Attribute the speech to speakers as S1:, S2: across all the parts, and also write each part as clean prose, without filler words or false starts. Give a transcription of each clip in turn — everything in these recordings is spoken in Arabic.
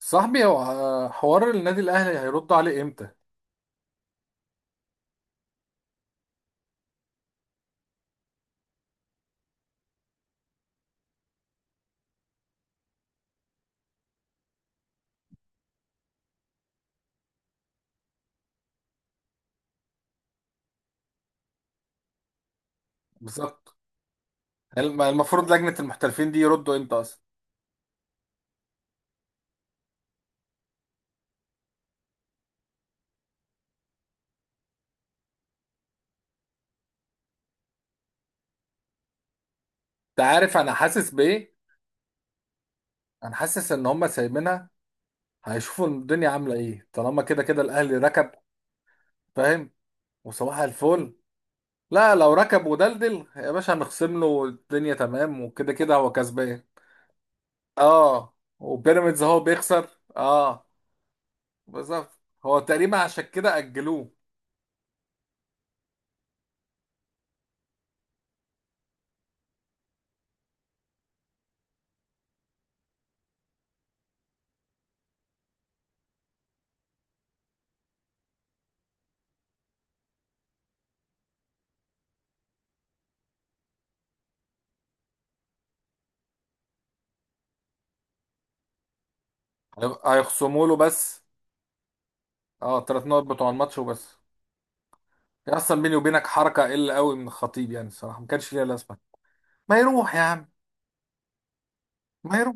S1: صاحبي هو حوار النادي الاهلي هيردوا عليه امتى؟ بالظبط، يعني المفروض لجنه المحترفين دي يردوا امتى اصلا؟ انت عارف انا حاسس بايه؟ انا حاسس ان هم سايبينها. هيشوفوا الدنيا عامله ايه، طالما كده كده الاهلي ركب. فاهم؟ وصباح الفل. لا، لو ركب ودلدل يا باشا هنخصم له الدنيا، تمام، وكده كده هو كسبان. اه، وبيراميدز هو بيخسر. اه، بالظبط، هو تقريبا عشان كده اجلوه. هيخصموا له بس، اه، 3 نقط بتوع الماتش وبس. يعني اصلا بيني وبينك حركه قل قوي من الخطيب، يعني الصراحه ما كانش ليها لازمه. ما يروح يا عم، ما يروح.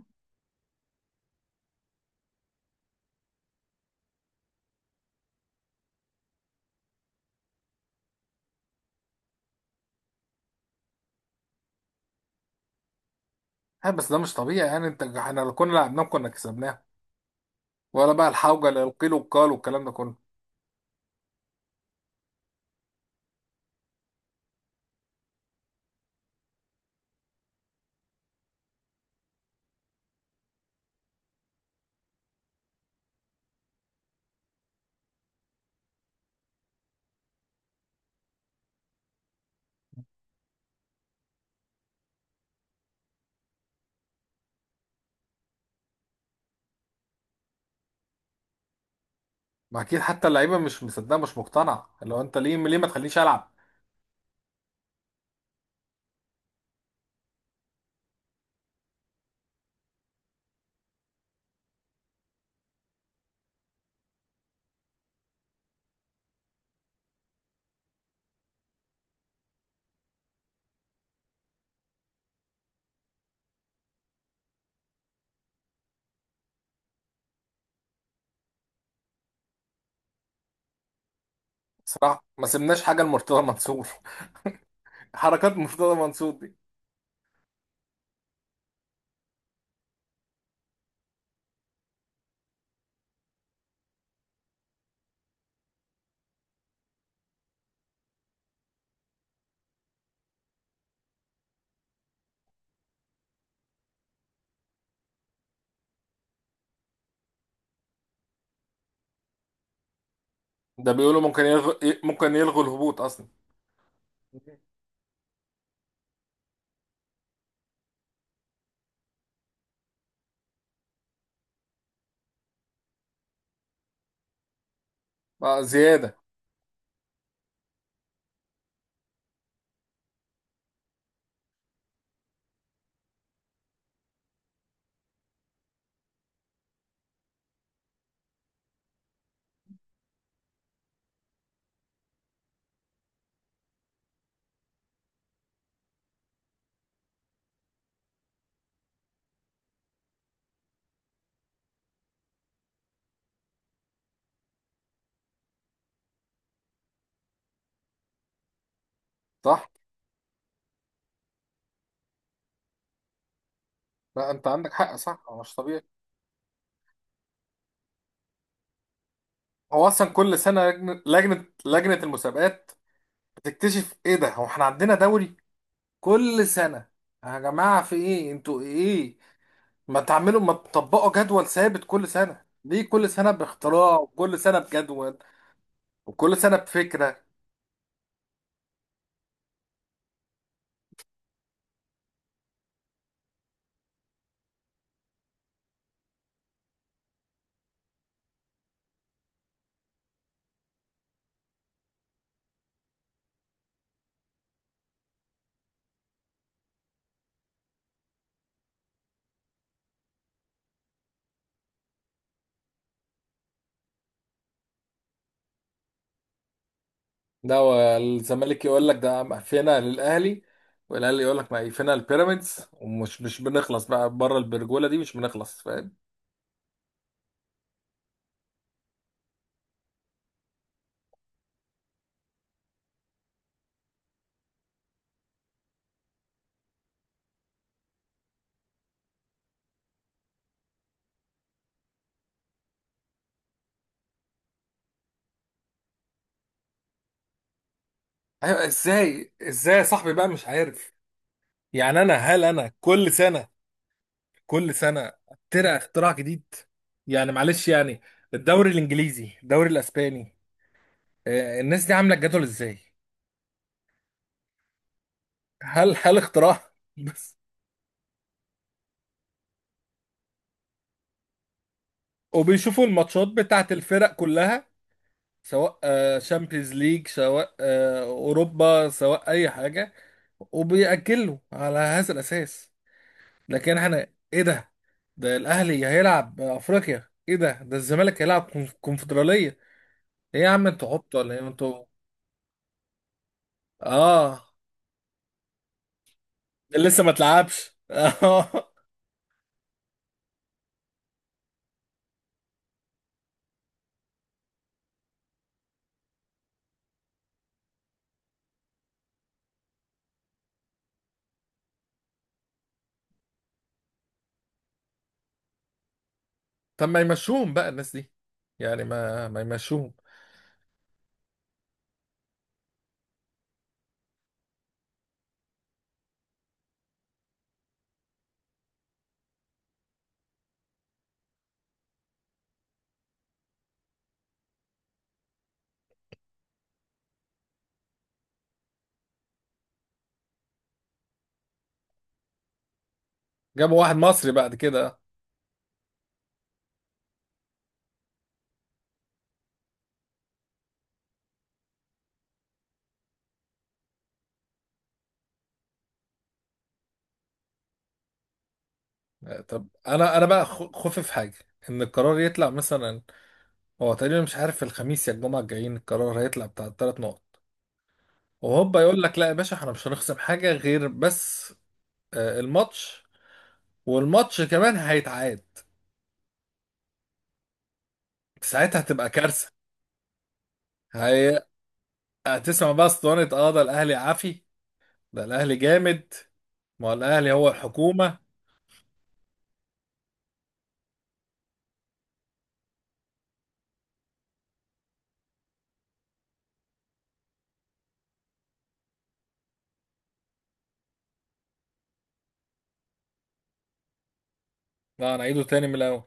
S1: ها، بس ده مش طبيعي يعني، انت احنا لو كنا لعبناه كنا كسبناه، ولا بقى الحوجه اللي القيل والقال والكلام ده كله. ما اكيد حتى اللعيبه مش مصدقه، مش مقتنعه، لو انت ليه ليه ما تخلينيش العب؟ صراحه ما سيبناش حاجه لمرتضى منصور. حركات مرتضى منصور دي. ده بيقولوا ممكن يلغوا الهبوط اصلا. بقى زياده. صح. لا، انت عندك حق، صح، هو مش طبيعي. هو اصلا كل سنه لجنه لجنه لجنة المسابقات تكتشف ايه؟ ده هو احنا عندنا دوري كل سنة؟ يا جماعة في ايه؟ انتوا ايه؟ ما تطبقوا جدول ثابت كل سنة، ليه كل سنة باختراع، وكل سنة بجدول، وكل سنة بفكرة؟ ده هو الزمالك يقول لك ده مقفلة للأهلي، والأهلي يقول لك مقفلة للبيراميدز، ومش مش بنخلص بقى، بره البرجولة دي مش بنخلص، فاهم؟ ايوه، ازاي ازاي يا صاحبي بقى، مش عارف. يعني هل انا كل سنة، كل سنه اخترع اختراع جديد؟ يعني معلش يعني، الدوري الانجليزي، الدوري الاسباني، الناس دي عامله الجدول ازاي؟ هل اختراع؟ بس. وبيشوفوا الماتشات بتاعت الفرق كلها، سواء شامبيونز ليج، سواء اوروبا، سواء اي حاجه، وبيأجلوا على هذا الأساس. لكن احنا، ايه ده الأهلي هيلعب أفريقيا؟ ايه ده الزمالك هيلعب كونفدرالية؟ ايه يا عم، انتوا عبط ولا ايه انتوا؟ اه، لسه ما اتلعبش. طب ما يمشوهم بقى الناس دي، يعني ما يمشوهم. جابوا واحد مصري بعد كده. طب انا بقى، خوفي في حاجه، ان القرار يطلع مثلا. هو تقريبا مش عارف الخميس يا الجمعه الجايين، القرار هيطلع بتاع الـ3 نقط، وهوبا يقول لك لا يا باشا، احنا مش هنخصم حاجه غير بس آه، الماتش، والماتش كمان هيتعاد. ساعتها هتبقى كارثه. هي... هتسمع بقى اسطوانه، اه، ده الاهلي عافي، ده الاهلي جامد، ما هو الاهلي هو الحكومه. لا، انا اعيده تاني من الاول.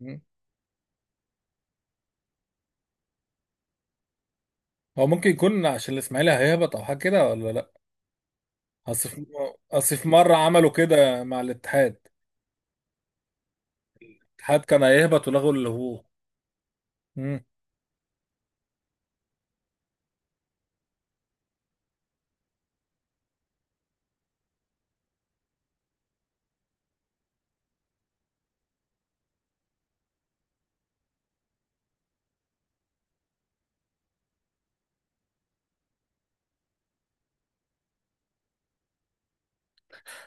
S1: مم. هو ممكن يكون عشان الاسماعيلي هيهبط او حاجه كده، ولا لا. اصل في اصل في مره عملوا كده مع الاتحاد. الاتحاد كان هيهبط ولغوا اللي هو. مم.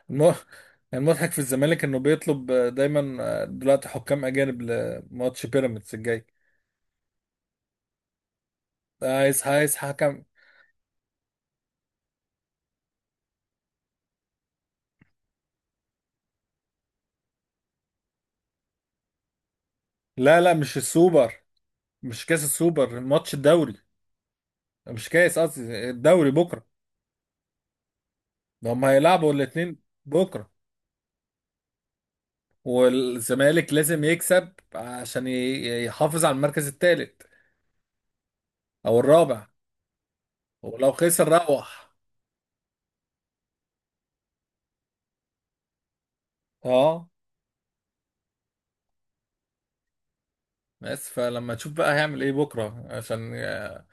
S1: الم- المضحك في الزمالك انه بيطلب دايما دلوقتي حكام اجانب لماتش بيراميدز الجاي. عايز حكم. لا لا، مش السوبر، مش كاس السوبر، الماتش الدوري، مش كاس، قصدي الدوري بكره. ده هم هيلعبوا الاتنين بكره. والزمالك لازم يكسب عشان يحافظ على المركز الثالث او الرابع. ولو خسر روح. اه. بس فلما تشوف بقى هيعمل ايه بكره، عشان آه،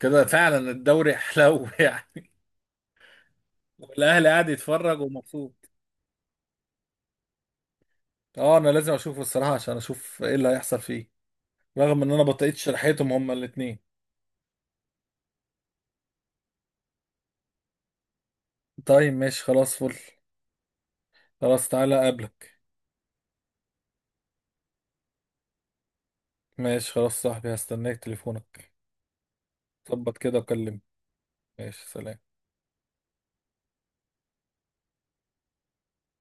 S1: كده فعلا الدوري حلو. يعني، والاهلي قاعد يتفرج ومبسوط. اه، انا لازم اشوفه الصراحه، عشان اشوف ايه اللي هيحصل فيه، رغم ان انا بطئت شرحتهم هما الاثنين. طيب ماشي، خلاص، فل، خلاص تعالى اقابلك. ماشي خلاص صاحبي، هستناك تليفونك. ظبط كده وكلمني. ماشي، سلام.